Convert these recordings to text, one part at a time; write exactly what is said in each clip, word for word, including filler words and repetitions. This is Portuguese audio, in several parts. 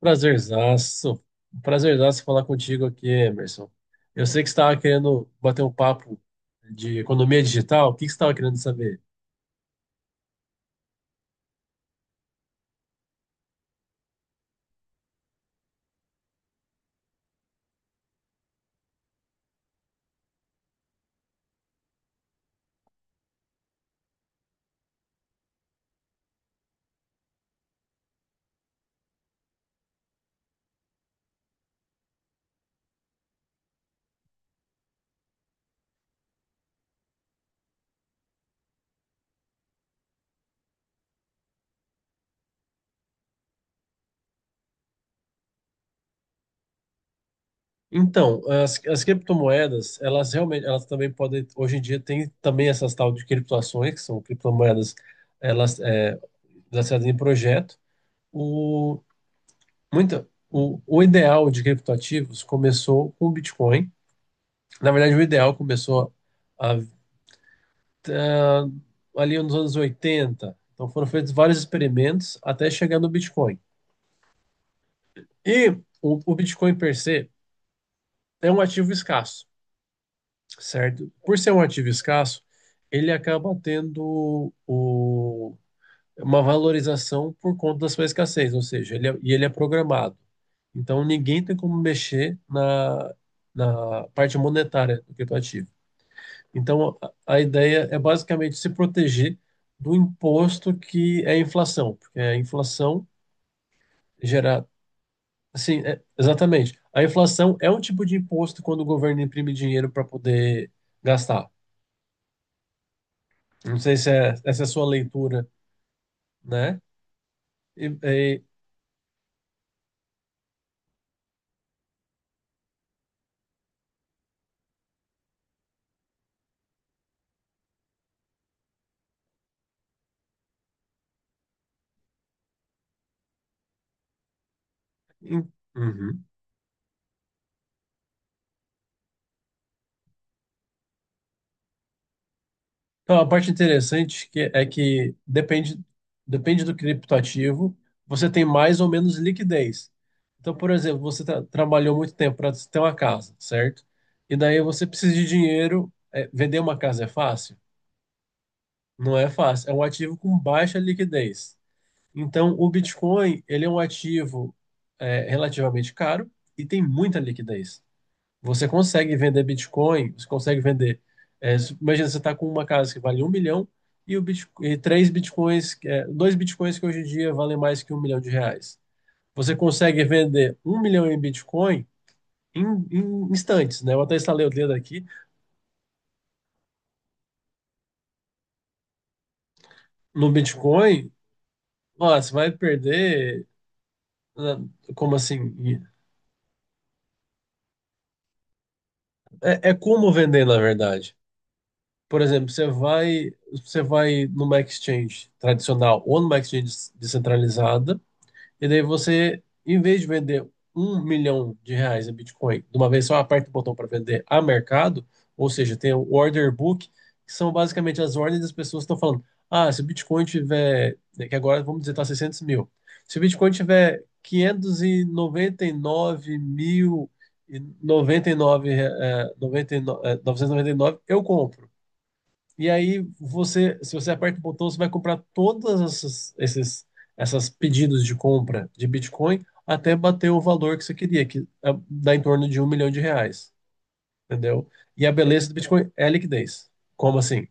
Prazerzaço. Prazerzaço falar contigo aqui, Emerson. Eu sei que você estava querendo bater um papo de economia digital. O que que você estava querendo saber? Então, as, as criptomoedas, elas realmente, elas também podem, hoje em dia tem também essas tal de criptoações, que são criptomoedas, elas é, lançadas em projeto. O, muita, o, o ideal de criptoativos começou com o Bitcoin. Na verdade, o ideal começou há ah, ali nos anos oitenta. Então foram feitos vários experimentos até chegar no Bitcoin. E o, o Bitcoin per se é um ativo escasso, certo? Por ser um ativo escasso, ele acaba tendo o- uma valorização por conta da sua escassez, ou seja, ele é, e ele é programado. Então ninguém tem como mexer na, na parte monetária do criptoativo. Então, a a ideia é basicamente se proteger do imposto que é a inflação, porque a inflação gera, assim, é- exatamente. A inflação é um tipo de imposto quando o governo imprime dinheiro para poder gastar. Não sei se é, essa é a sua leitura, né? E, e- em- Uhum. Então, a parte interessante que é que depende, depende do criptoativo, você tem mais ou menos liquidez. Então, por exemplo, você tra- trabalhou muito tempo para ter uma casa, certo? E daí você precisa de dinheiro. É, vender uma casa é fácil? Não é fácil. É um ativo com baixa liquidez. Então, o Bitcoin, ele é um ativo, é, relativamente caro e tem muita liquidez. Você consegue vender Bitcoin, você consegue vender. é, Imagina, você está com uma casa que vale um milhão e, o Bitco- e três Bitcoins, é, dois Bitcoins que hoje em dia valem mais que um milhão de reais. Você consegue vender um milhão em Bitcoin em, em instantes, né? Eu até estalei o dedo aqui. No Bitcoin, ó, você vai perder. na- Como assim? É, é como vender, na verdade. Por exemplo, você vai, você vai numa exchange tradicional ou numa exchange descentralizada. E daí você, em vez de vender um milhão de reais em Bitcoin de uma vez só, aperta o botão para vender a mercado, ou seja, tem o order book, que são basicamente as ordens das pessoas que estão falando, ah, se o Bitcoin tiver, né, que agora vamos dizer está seiscentos mil, se o Bitcoin tiver quinhentos e e noventa e nove mil e é, noventa e nove, eh, noventa e nove eu compro. E aí você, se você aperta o botão, você vai comprar todas essas, esses, essas pedidos de compra de Bitcoin até bater o valor que você queria, que é, dá em torno de um milhão de reais, entendeu? E a beleza do Bitcoin é a liquidez. Como assim?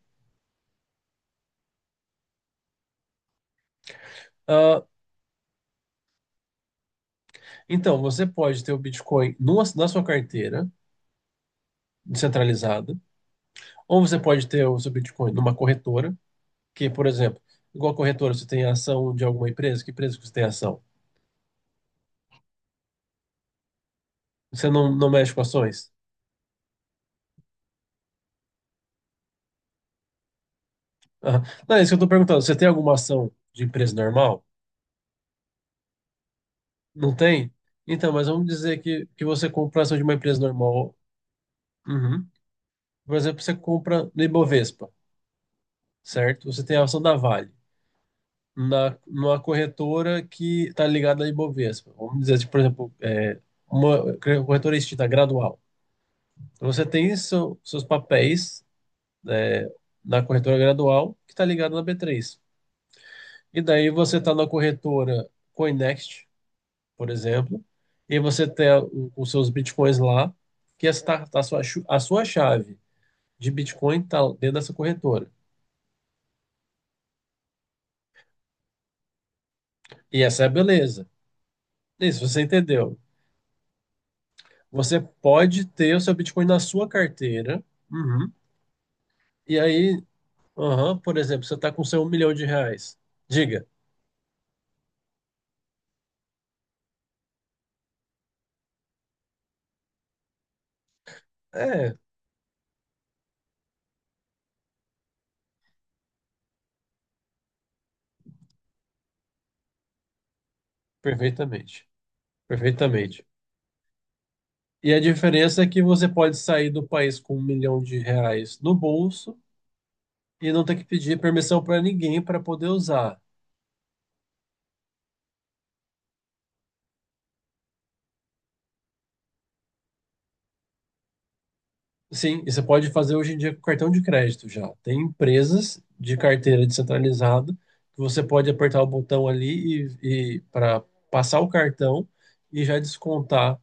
Ah, então, você pode ter o Bitcoin numa- na sua carteira descentralizada, ou você pode ter o seu Bitcoin numa corretora, que, por exemplo, igual a corretora, você tem ação de alguma empresa, que empresa que você tem ação? Você não, não mexe com ações? Aham. Não, é isso que eu estou perguntando. Você tem alguma ação de empresa normal? Não tem? Então, mas vamos dizer que, que você compra ação de uma empresa normal. Uhum. Por exemplo, você compra no Ibovespa, certo? Você tem a ação da Vale, na, numa corretora que está ligada à Ibovespa. Vamos dizer, tipo, por exemplo, é, uma corretora extinta, Gradual. Então, você tem seu- seus papéis, é, na corretora Gradual, que está ligada na B três. E daí você está na corretora Coinext, por exemplo, e você tem o- os seus bitcoins lá, que está a sua, chu- a sua chave de bitcoin está dentro dessa corretora. E essa é a beleza. Isso, você entendeu. Você pode ter o seu bitcoin na sua carteira, Uhum. E aí, aham, por exemplo, você está com seu um milhão de reais. Diga. É, perfeitamente. Perfeitamente. E a diferença é que você pode sair do país com um milhão de reais no bolso e não ter que pedir permissão para ninguém para poder usar. Sim, e você pode fazer hoje em dia com cartão de crédito já. Tem empresas de carteira descentralizada que você pode apertar o botão ali e, e para passar o cartão e já descontar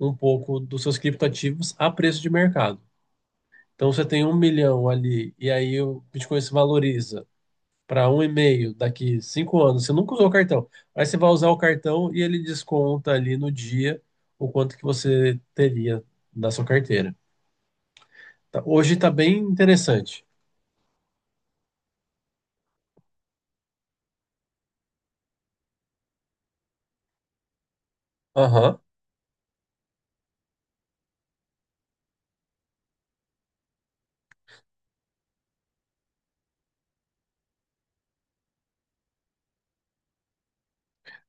um pouco dos seus criptoativos a preço de mercado. Então você tem um milhão ali e aí o Bitcoin se valoriza para um e meio daqui cinco anos. Você nunca usou o cartão. Aí você vai usar o cartão e ele desconta ali no dia o quanto que você teria da sua carteira. Tá- Hoje está bem interessante. Aham.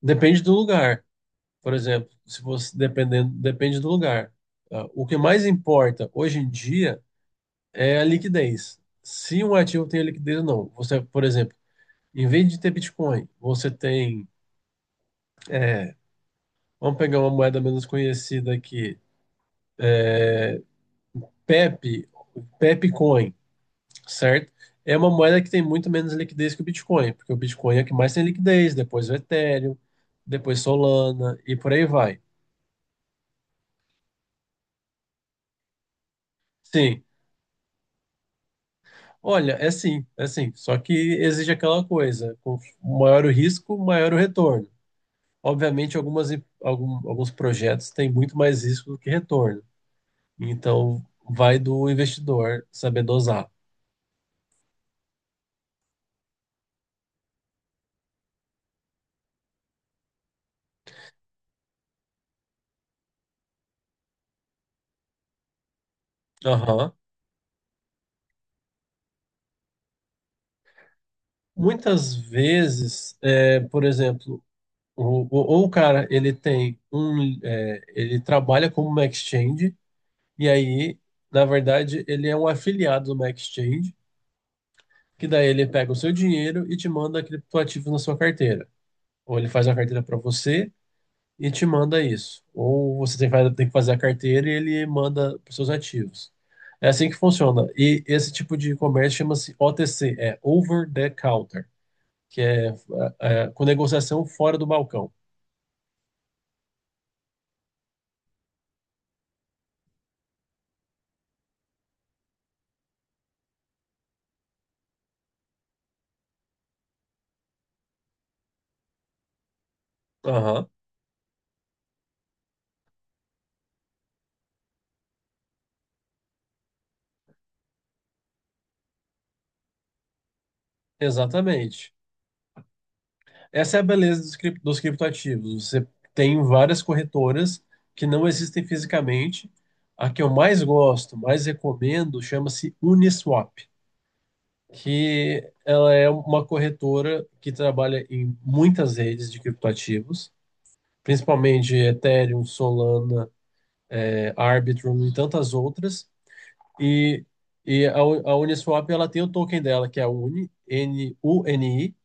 Depende do lugar. Por exemplo, se você dependendo, depende do lugar. Ah, o que mais importa hoje em dia é a liquidez. Se um ativo tem liquidez ou não. Você, por exemplo, em vez de ter Bitcoin, você tem, é, vamos pegar uma moeda menos conhecida aqui, Pepe, Pepe Coin, certo? É uma moeda que tem muito menos liquidez que o Bitcoin, porque o Bitcoin é o que mais tem liquidez, depois o Ethereum, depois Solana e por aí vai. Sim. Olha, é sim, é sim. Só que exige aquela coisa, com maior o risco, maior o retorno. Obviamente, algumas, im- algum- alguns projetos têm muito mais risco do que retorno. Então, vai do investidor saber dosar. Aham. Muitas vezes, é, por exemplo, o- o- ou o cara ele tem um, é, ele trabalha como uma exchange e aí, na verdade, ele é um afiliado de uma exchange que daí ele pega o seu dinheiro e te manda criptoativos na sua carteira. Ou ele faz uma carteira para você e te manda isso. Ou você tem que fa- tem que fazer a carteira e ele manda para seus ativos. É assim que funciona. E esse tipo de comércio chama-se O T C, é Over the Counter, que é, é, é com negociação fora do balcão. Aham, exatamente. Essa é a beleza dos, crip- dos criptoativos. Você tem várias corretoras que não existem fisicamente. A que eu mais gosto, mais recomendo, chama-se Uniswap, que ela é uma corretora que trabalha em muitas redes de criptoativos, principalmente Ethereum, Solana, eh, Arbitrum e tantas outras. E, e a, U- a Uniswap ela tem o token dela, que é a U N I, N U N I,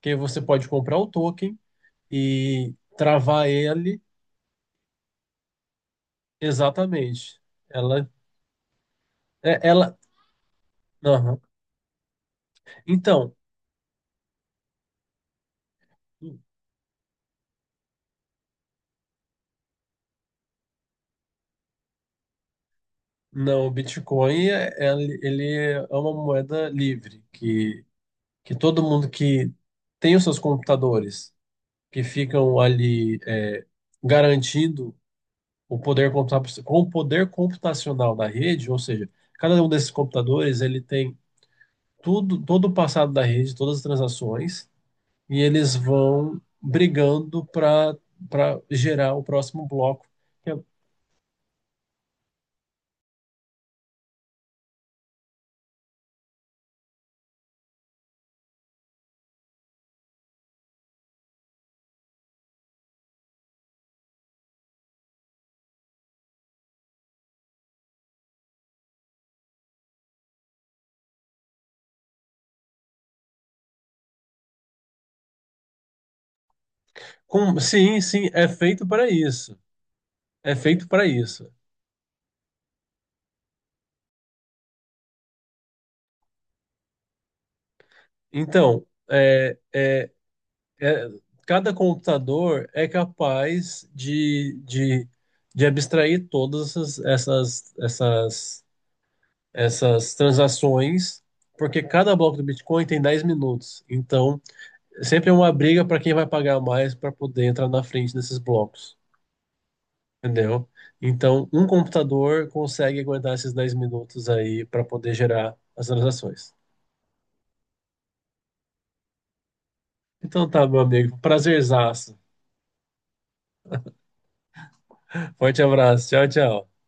que você pode comprar o token e travar ele exatamente. Ela, é- ela, aham. Então, não, o Bitcoin é, ele ele é uma moeda livre que que todo mundo que tem os seus computadores que ficam ali é, garantindo o poder computa- com o poder computacional da rede, ou seja, cada um desses computadores ele tem tudo, todo o passado da rede, todas as transações e eles vão brigando para para gerar o próximo bloco. Que é- com- sim, sim, é feito para isso. É feito para isso. Então, é, é, é- cada computador é capaz de, de, de abstrair todas essas, essas, essas, essas transações, porque cada bloco do Bitcoin tem dez minutos. Então, sempre é uma briga para quem vai pagar mais para poder entrar na frente desses blocos. Entendeu? Então, um computador consegue aguentar esses dez minutos aí para poder gerar as transações. Então tá, meu amigo. Prazerzaço. Forte abraço. Tchau, tchau.